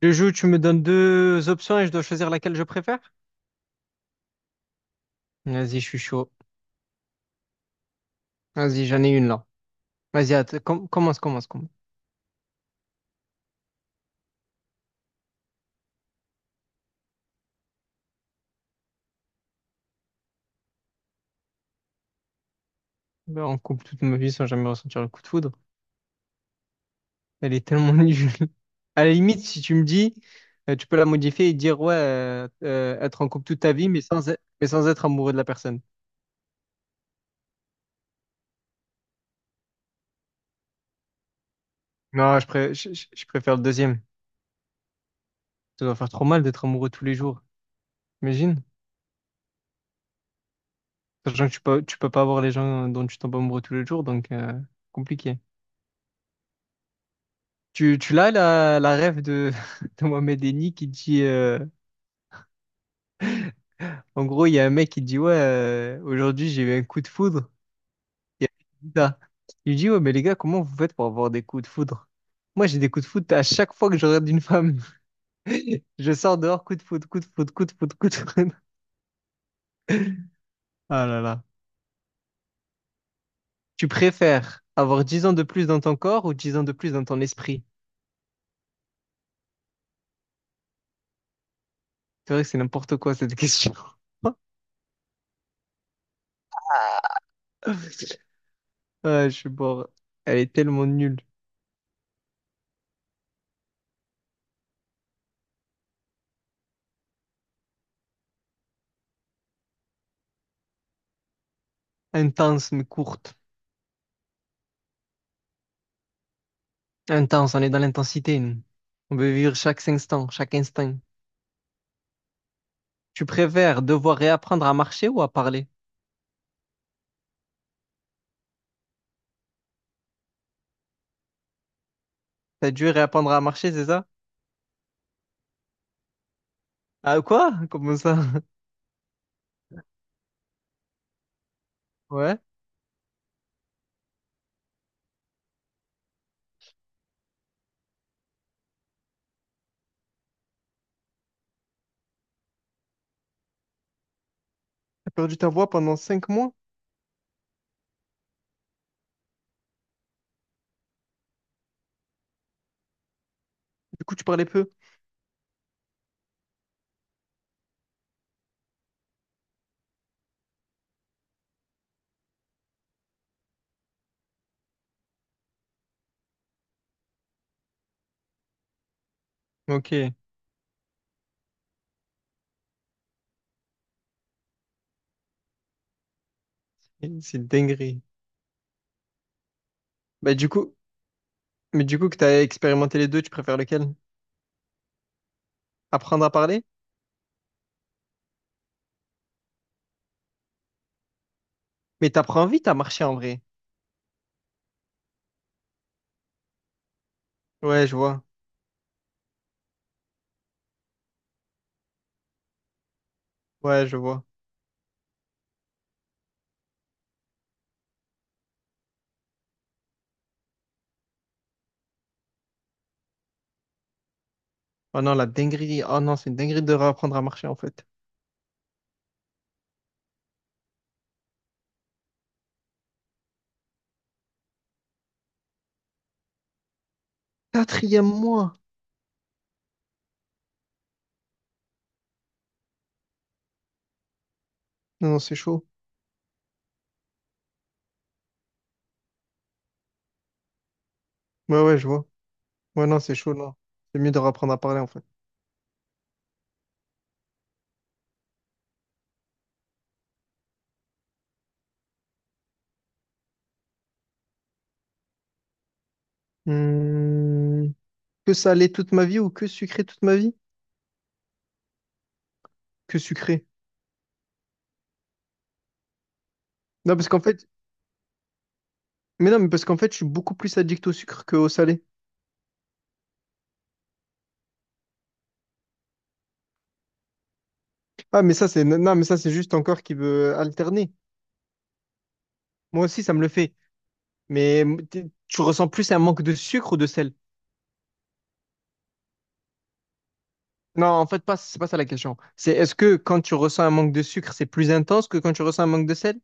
Je joue, tu me donnes deux options et je dois choisir laquelle je préfère? Vas-y, je suis chaud. Vas-y, j'en ai une là. Vas-y, commence, commence, commence. Ben, on coupe toute ma vie sans jamais ressentir le coup de foudre. Elle est tellement nulle. À la limite, si tu me dis, tu peux la modifier et dire, ouais, être en couple toute ta vie, mais sans être amoureux de la personne. Non, je préfère le deuxième. Ça doit faire trop mal d'être amoureux tous les jours. Imagine. Sachant que tu peux pas avoir les gens dont tu tombes amoureux tous les jours, donc compliqué. Tu l'as la rêve de, de Mohamed Eni qui dit en gros, il y a un mec qui dit ouais aujourd'hui j'ai eu un coup de foudre il y a il dit ça. Il dit ouais, mais les gars, comment vous faites pour avoir des coups de foudre? Moi j'ai des coups de foudre à chaque fois que je regarde une femme. Je sors dehors, coup de foudre, coup de foudre, coup de foudre, coup de foudre. Ah là là. Tu préfères avoir 10 ans de plus dans ton corps ou 10 ans de plus dans ton esprit? C'est vrai que c'est n'importe quoi, cette question. Ah, je suis mort. Elle est tellement nulle. Intense mais courte. Intense, on est dans l'intensité, nous. On veut vivre chaque instant, chaque instinct. Tu préfères devoir réapprendre à marcher ou à parler? T'as dû réapprendre à marcher, c'est ça? Ah quoi? Comment ça? Ouais. T'as perdu ta voix pendant 5 mois? Du coup, tu parlais peu. Ok, c'est dinguerie. Bah du coup que t'as expérimenté les deux, tu préfères lequel? Apprendre à parler? Mais t'apprends vite à marcher en vrai. Ouais, je vois. Ouais, je vois. Oh non, la dinguerie. Oh non, c'est une dinguerie de réapprendre à marcher en fait. Quatrième mois. Non, non, c'est chaud. Ouais, ouais, je vois. Ouais, non, c'est chaud, non. C'est mieux de reprendre à parler, en fait. Hmm, Que salé toute ma vie ou que sucré toute ma vie? Que sucré. Non, parce qu'en fait, mais non, mais parce qu'en fait, je suis beaucoup plus addict au sucre qu'au salé. Ah, non, mais ça, c'est juste ton corps qui veut alterner. Moi aussi, ça me le fait. Mais tu ressens plus un manque de sucre ou de sel? Non, en fait, pas, c'est pas ça la question. C'est est-ce que quand tu ressens un manque de sucre, c'est plus intense que quand tu ressens un manque de sel?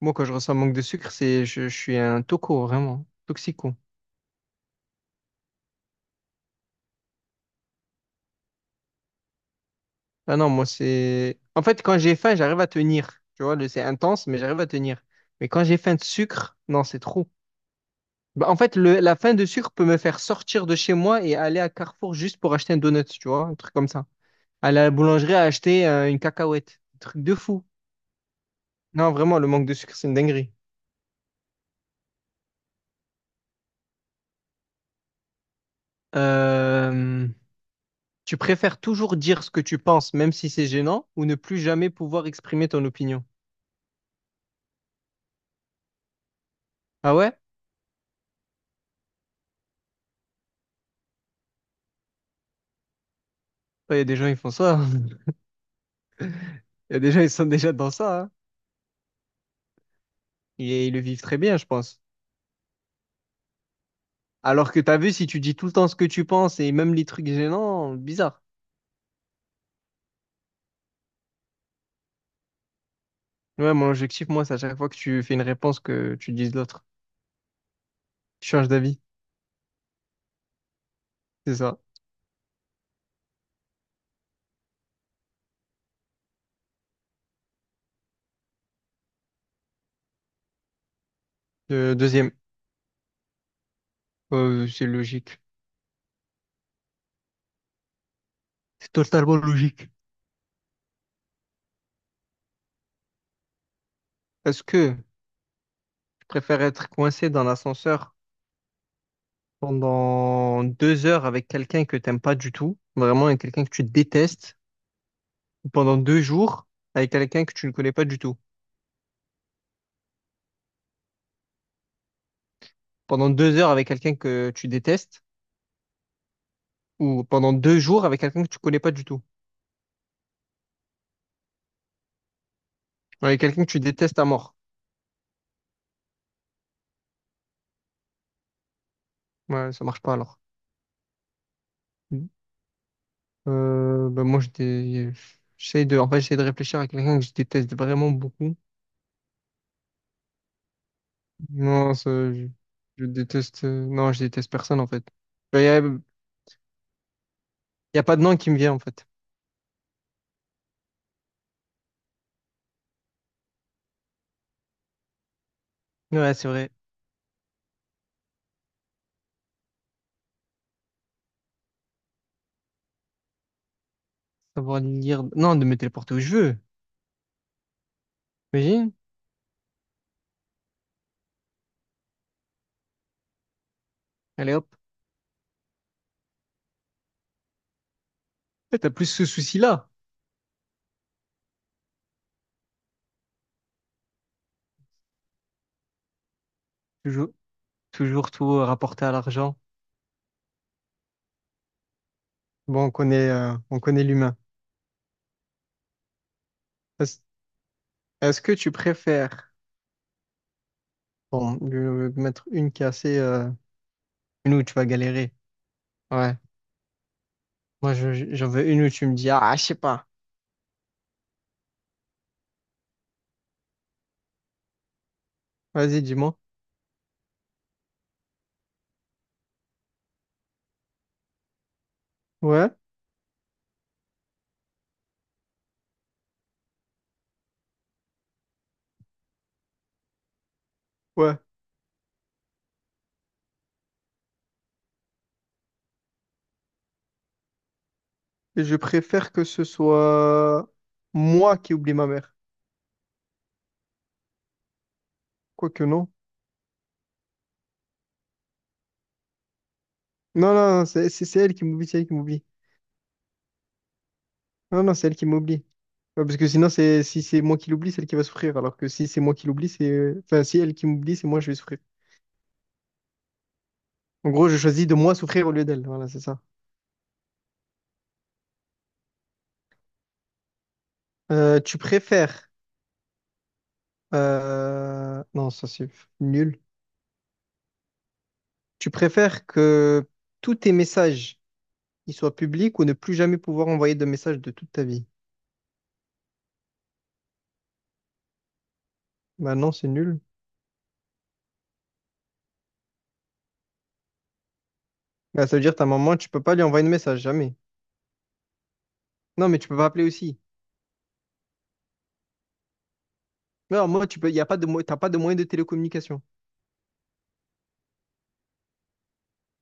Moi, quand je ressens un manque de sucre, je suis un toco, vraiment. Toxico. Ah non, moi c'est. En fait, quand j'ai faim, j'arrive à tenir. Tu vois, c'est intense, mais j'arrive à tenir. Mais quand j'ai faim de sucre, non, c'est trop. Bah, en fait, la faim de sucre peut me faire sortir de chez moi et aller à Carrefour juste pour acheter un donut, tu vois, un truc comme ça. Aller à la boulangerie à acheter une cacahuète. Un truc de fou. Non, vraiment, le manque de sucre, c'est une dinguerie. Euh, Tu préfères toujours dire ce que tu penses, même si c'est gênant, ou ne plus jamais pouvoir exprimer ton opinion? Ah ouais? Ouais, il y a des gens, ils font ça. Il y a des gens, ils sont déjà dans ça, hein. Et ils le vivent très bien, je pense. Alors que t'as vu, si tu dis tout le temps ce que tu penses et même les trucs gênants, bizarre. Ouais, mon objectif, moi, c'est à chaque fois que tu fais une réponse que tu dises l'autre. Tu changes d'avis, c'est ça. Deuxième. C'est logique. C'est totalement logique. Est-ce que tu préfères être coincé dans l'ascenseur pendant 2 heures avec quelqu'un que t'aimes pas du tout, vraiment, avec quelqu'un que tu détestes, ou pendant 2 jours avec quelqu'un que tu ne connais pas du tout? Pendant deux heures avec quelqu'un que tu détestes ou pendant deux jours avec quelqu'un que tu connais pas du tout, avec quelqu'un que tu détestes à mort. Ouais, ça marche pas alors. Ben moi, en fait, j'essaie de réfléchir à quelqu'un que je déteste vraiment beaucoup. Non, ça, non, je déteste personne en fait. Bah, y a pas de nom qui me vient en fait. Ouais, c'est vrai. Savoir lire, non, de me téléporter où je veux. Imagine? Allez hop. Ouais, t'as plus ce souci-là. Toujours, toujours tout rapporté à l'argent. Bon, on connaît l'humain. Est-ce est-ce que tu préfères. Bon, je vais mettre une qui est assez, une où tu vas galérer. Ouais. Moi, j'en veux une où tu me dis, ah, je sais pas. Vas-y, dis-moi. Ouais, ouais. Et je préfère que ce soit moi qui oublie ma mère. Quoique non. Non, non, non, c'est elle qui m'oublie, c'est elle qui m'oublie. Non, non, c'est elle qui m'oublie. Ouais, parce que sinon, c'est si c'est moi qui l'oublie, c'est elle qui va souffrir. Alors que si c'est moi qui l'oublie, Enfin, si elle qui m'oublie, c'est moi, je vais souffrir. En gros, je choisis de moi souffrir au lieu d'elle. Voilà, c'est ça. Euh, tu préfères... Non, ça c'est nul. Tu préfères que tous tes messages ils soient publics ou ne plus jamais pouvoir envoyer de messages de toute ta vie? Bah non, c'est nul. Bah, ça veut dire ta maman, tu peux pas lui envoyer de message, jamais. Non, mais tu peux pas appeler aussi. Non, moi, tu peux, y a pas de, t'as pas de moyen de télécommunication.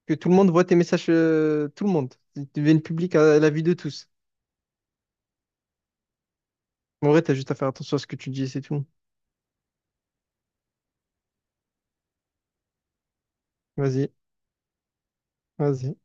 Que tout le monde voit tes messages, tout le monde. Ils deviennent publics à la vue de tous. En vrai, t'as juste à faire attention à ce que tu dis, c'est tout. Vas-y, vas-y.